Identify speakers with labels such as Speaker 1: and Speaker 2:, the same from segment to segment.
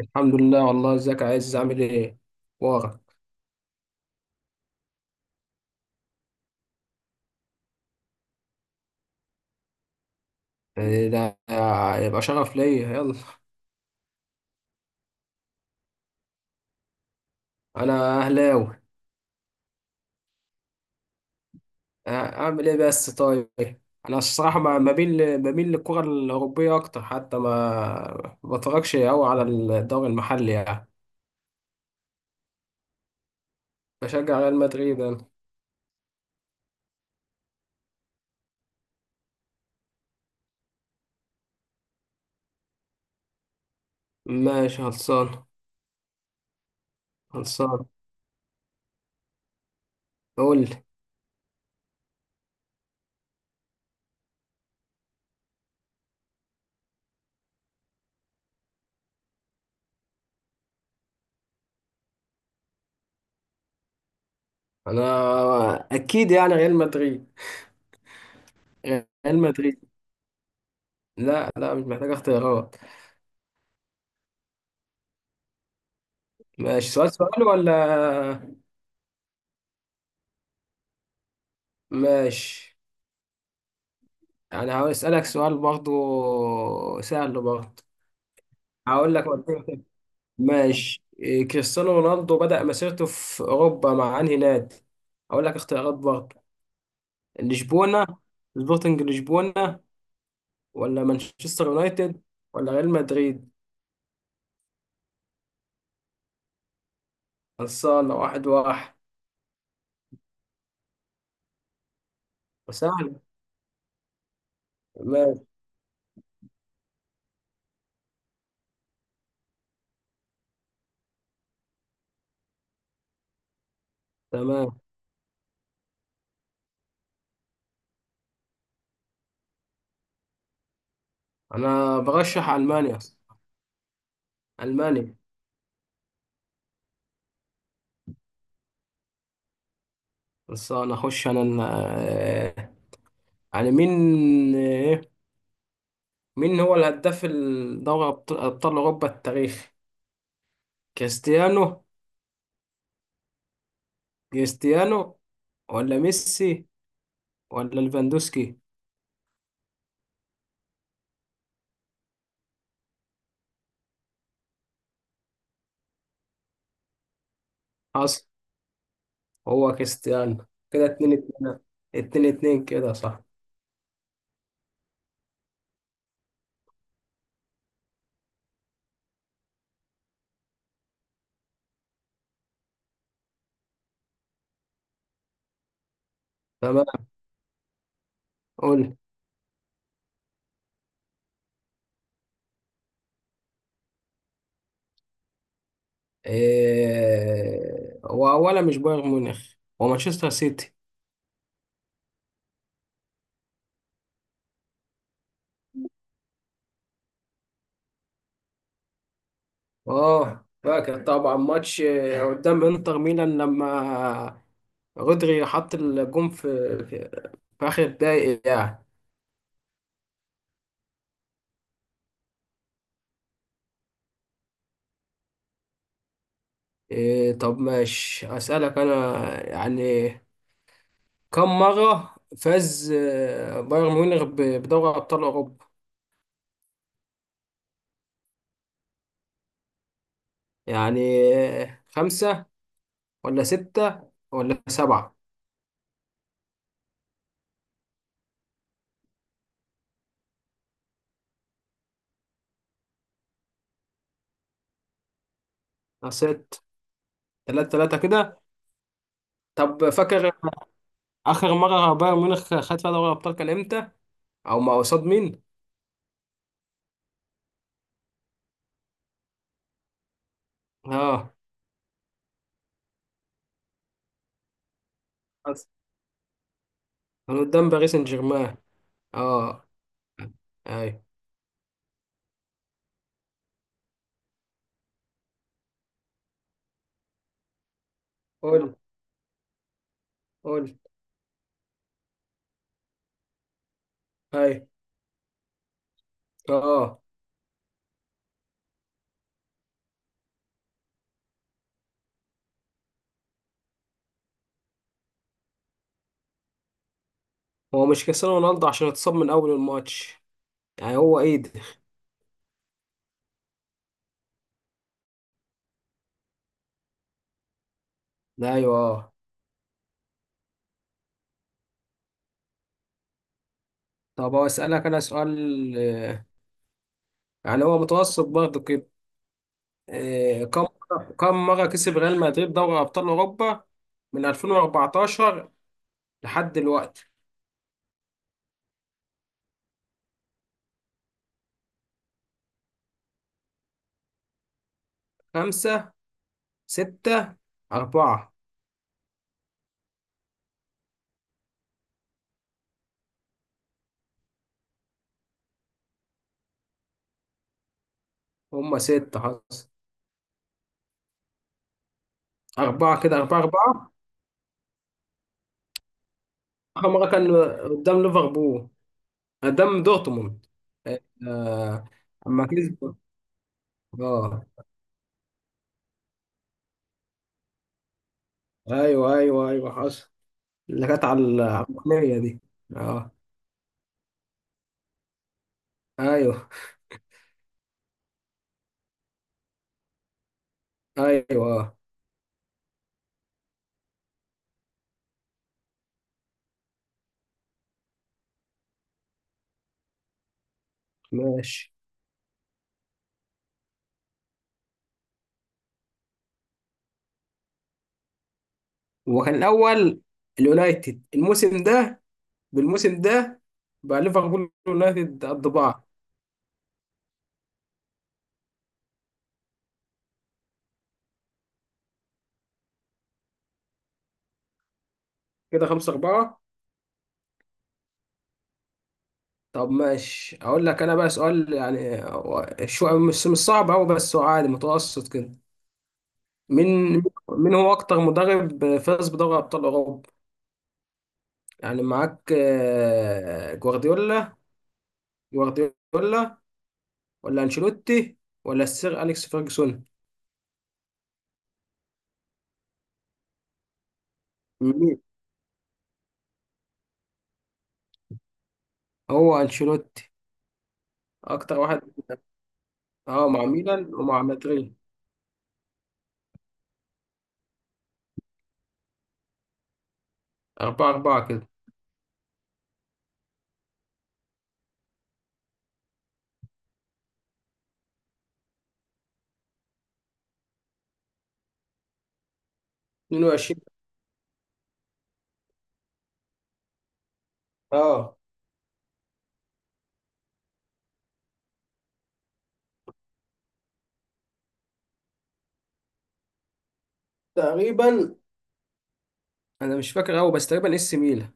Speaker 1: الحمد لله والله، ازيك. يا، عايز اعمل ايه ورا. يعني ده يبقى شرف ليا، يلا. انا اهلاوي. اعمل ايه بس. طيب انا الصراحه ما بين، بميل للكره الاوروبيه اكتر، حتى ما بتفرجش قوي على الدوري المحلي يعني. بشجع ريال مدريد انا. ماشي خلصان. خلصان. قول لي. انا اكيد يعني ريال مدريد. لا لا مش محتاج اختيارات. ماشي، سؤال سؤال ولا؟ ماشي. انا هسألك سؤال برضو سهل برضو. هقول لك وديك كده. ماشي إيه، كريستيانو رونالدو بدأ مسيرته في اوروبا مع انهي نادي؟ هقول لك اختيارات برضو. لشبونة، سبورتنج لشبونة، ولا مانشستر يونايتد، ولا ريال مدريد. خلصانة واحد واحد. وسهل. ماشي. تمام. انا برشح المانيا. المانيا. خلصانة. اخش انا ال- آه، يعني مين، آه، مين هو الهداف الدوري أبطال أوروبا التاريخي؟ كريستيانو كريستيانو ولا ميسي ولا ليفاندوسكي؟ حصل، هو كريستيانو. كده اتنين اتنين. اتنين اتنين كده صح. تمام. قول. هو ولا مش بايرن ميونخ، هو مانشستر سيتي. اه فاكر طبعا ماتش، قدام انتر ميلان لما رودري حط الجون في, في آخر الدقايق يعني. إيه طب ماشي أسألك أنا، يعني كم مرة فاز بايرن ميونخ بدوري أبطال أوروبا؟ يعني خمسة ولا ستة ولا سبعة؟ ست. تلاتة تلاتة كده. طب فاكر آخر مرة بايرن ميونخ خد فيها دوري أبطال كان إمتى؟ أو مع قصاد مين؟ آه بس. كان قدام باريس سان جيرمان. آه. أي. قول. قول. أي. آه. هو مش كريستيانو رونالدو عشان اتصاب من أول الماتش يعني، هو إيه ده؟ ايوه آه. طب اسالك انا سؤال، يعني هو متوسط برضه كده. آه، كم كم مره كسب ريال مدريد دوري ابطال اوروبا من 2014 لحد دلوقتي؟ خمسة، ستة، أربعة. هما ستة حصل. أربعة كده، أربعة أربعة. آخر مرة كان قدام ليفربول، قدام دورتموند. آه، أما كسب. أه. أيوه أيوه أيوه حصل، اللي كانت على الركنية دي. أه. أيوه أيوه آه. ماشي. هو كان الاول اليونايتد الموسم ده، بالموسم ده. بقى ليفربول يونايتد قد بعض. كده خمسة أربعة. طب ماشي أقول لك أنا بقى سؤال، يعني هو شو مش صعب أوي بس هو عادي متوسط كده. مين مين هو أكتر مدرب فاز بدوري أبطال أوروبا؟ يعني معاك جوارديولا. جوارديولا ولا أنشيلوتي ولا السير أليكس فيرجسون؟ مين؟ هو أنشيلوتي. أكتر واحد. أه مع ميلان ومع مدريد. أربعة أربعة كده. 22. أه تقريبا أنا مش فاكر أوي بس تقريبا إس ميلان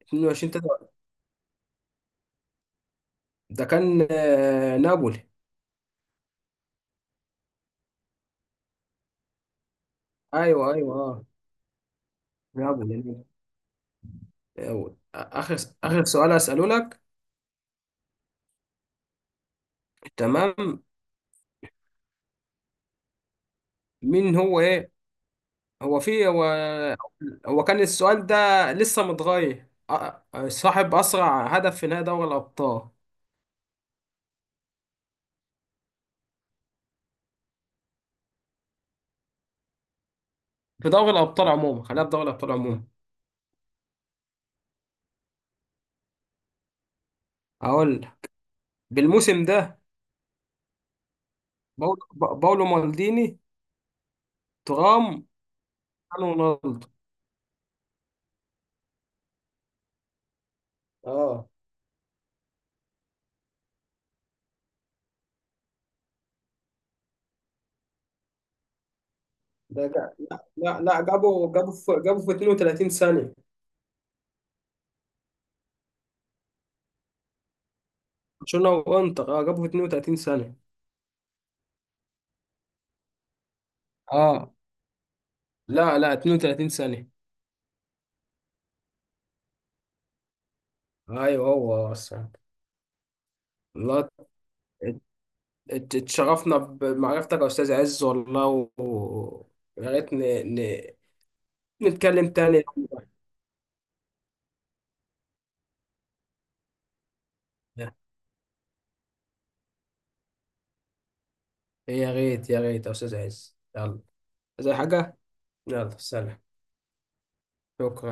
Speaker 1: 22 23. ده كان نابولي. أيوه أيوه أه. نابولي نابولي. أيوة. آخر. آخر سؤال أسأله لك. تمام. مين هو إيه، هو في هو كان السؤال ده لسه متغير، صاحب أسرع هدف في نهائي دوري الأبطال. في دوري الأبطال عموما، خلينا في دوري الأبطال عموما. أقول لك. بالموسم ده. باولو باولو مالديني، ترام، رونالدو. اه ده جا... لا لا جابوا في 32 ثانية. برشلونة وانتر اه جابوا في 32 ثانية. اه لا لا 32 ثانية. ايوه هو اصلا. الله. ات- اتشرفنا بمعرفتك يا استاذ عز والله و... يا ريت ن... نتكلم تاني. يا ريت يا ريت يا استاذ عز يلا. زي حاجة. يلا سلام. شكرا.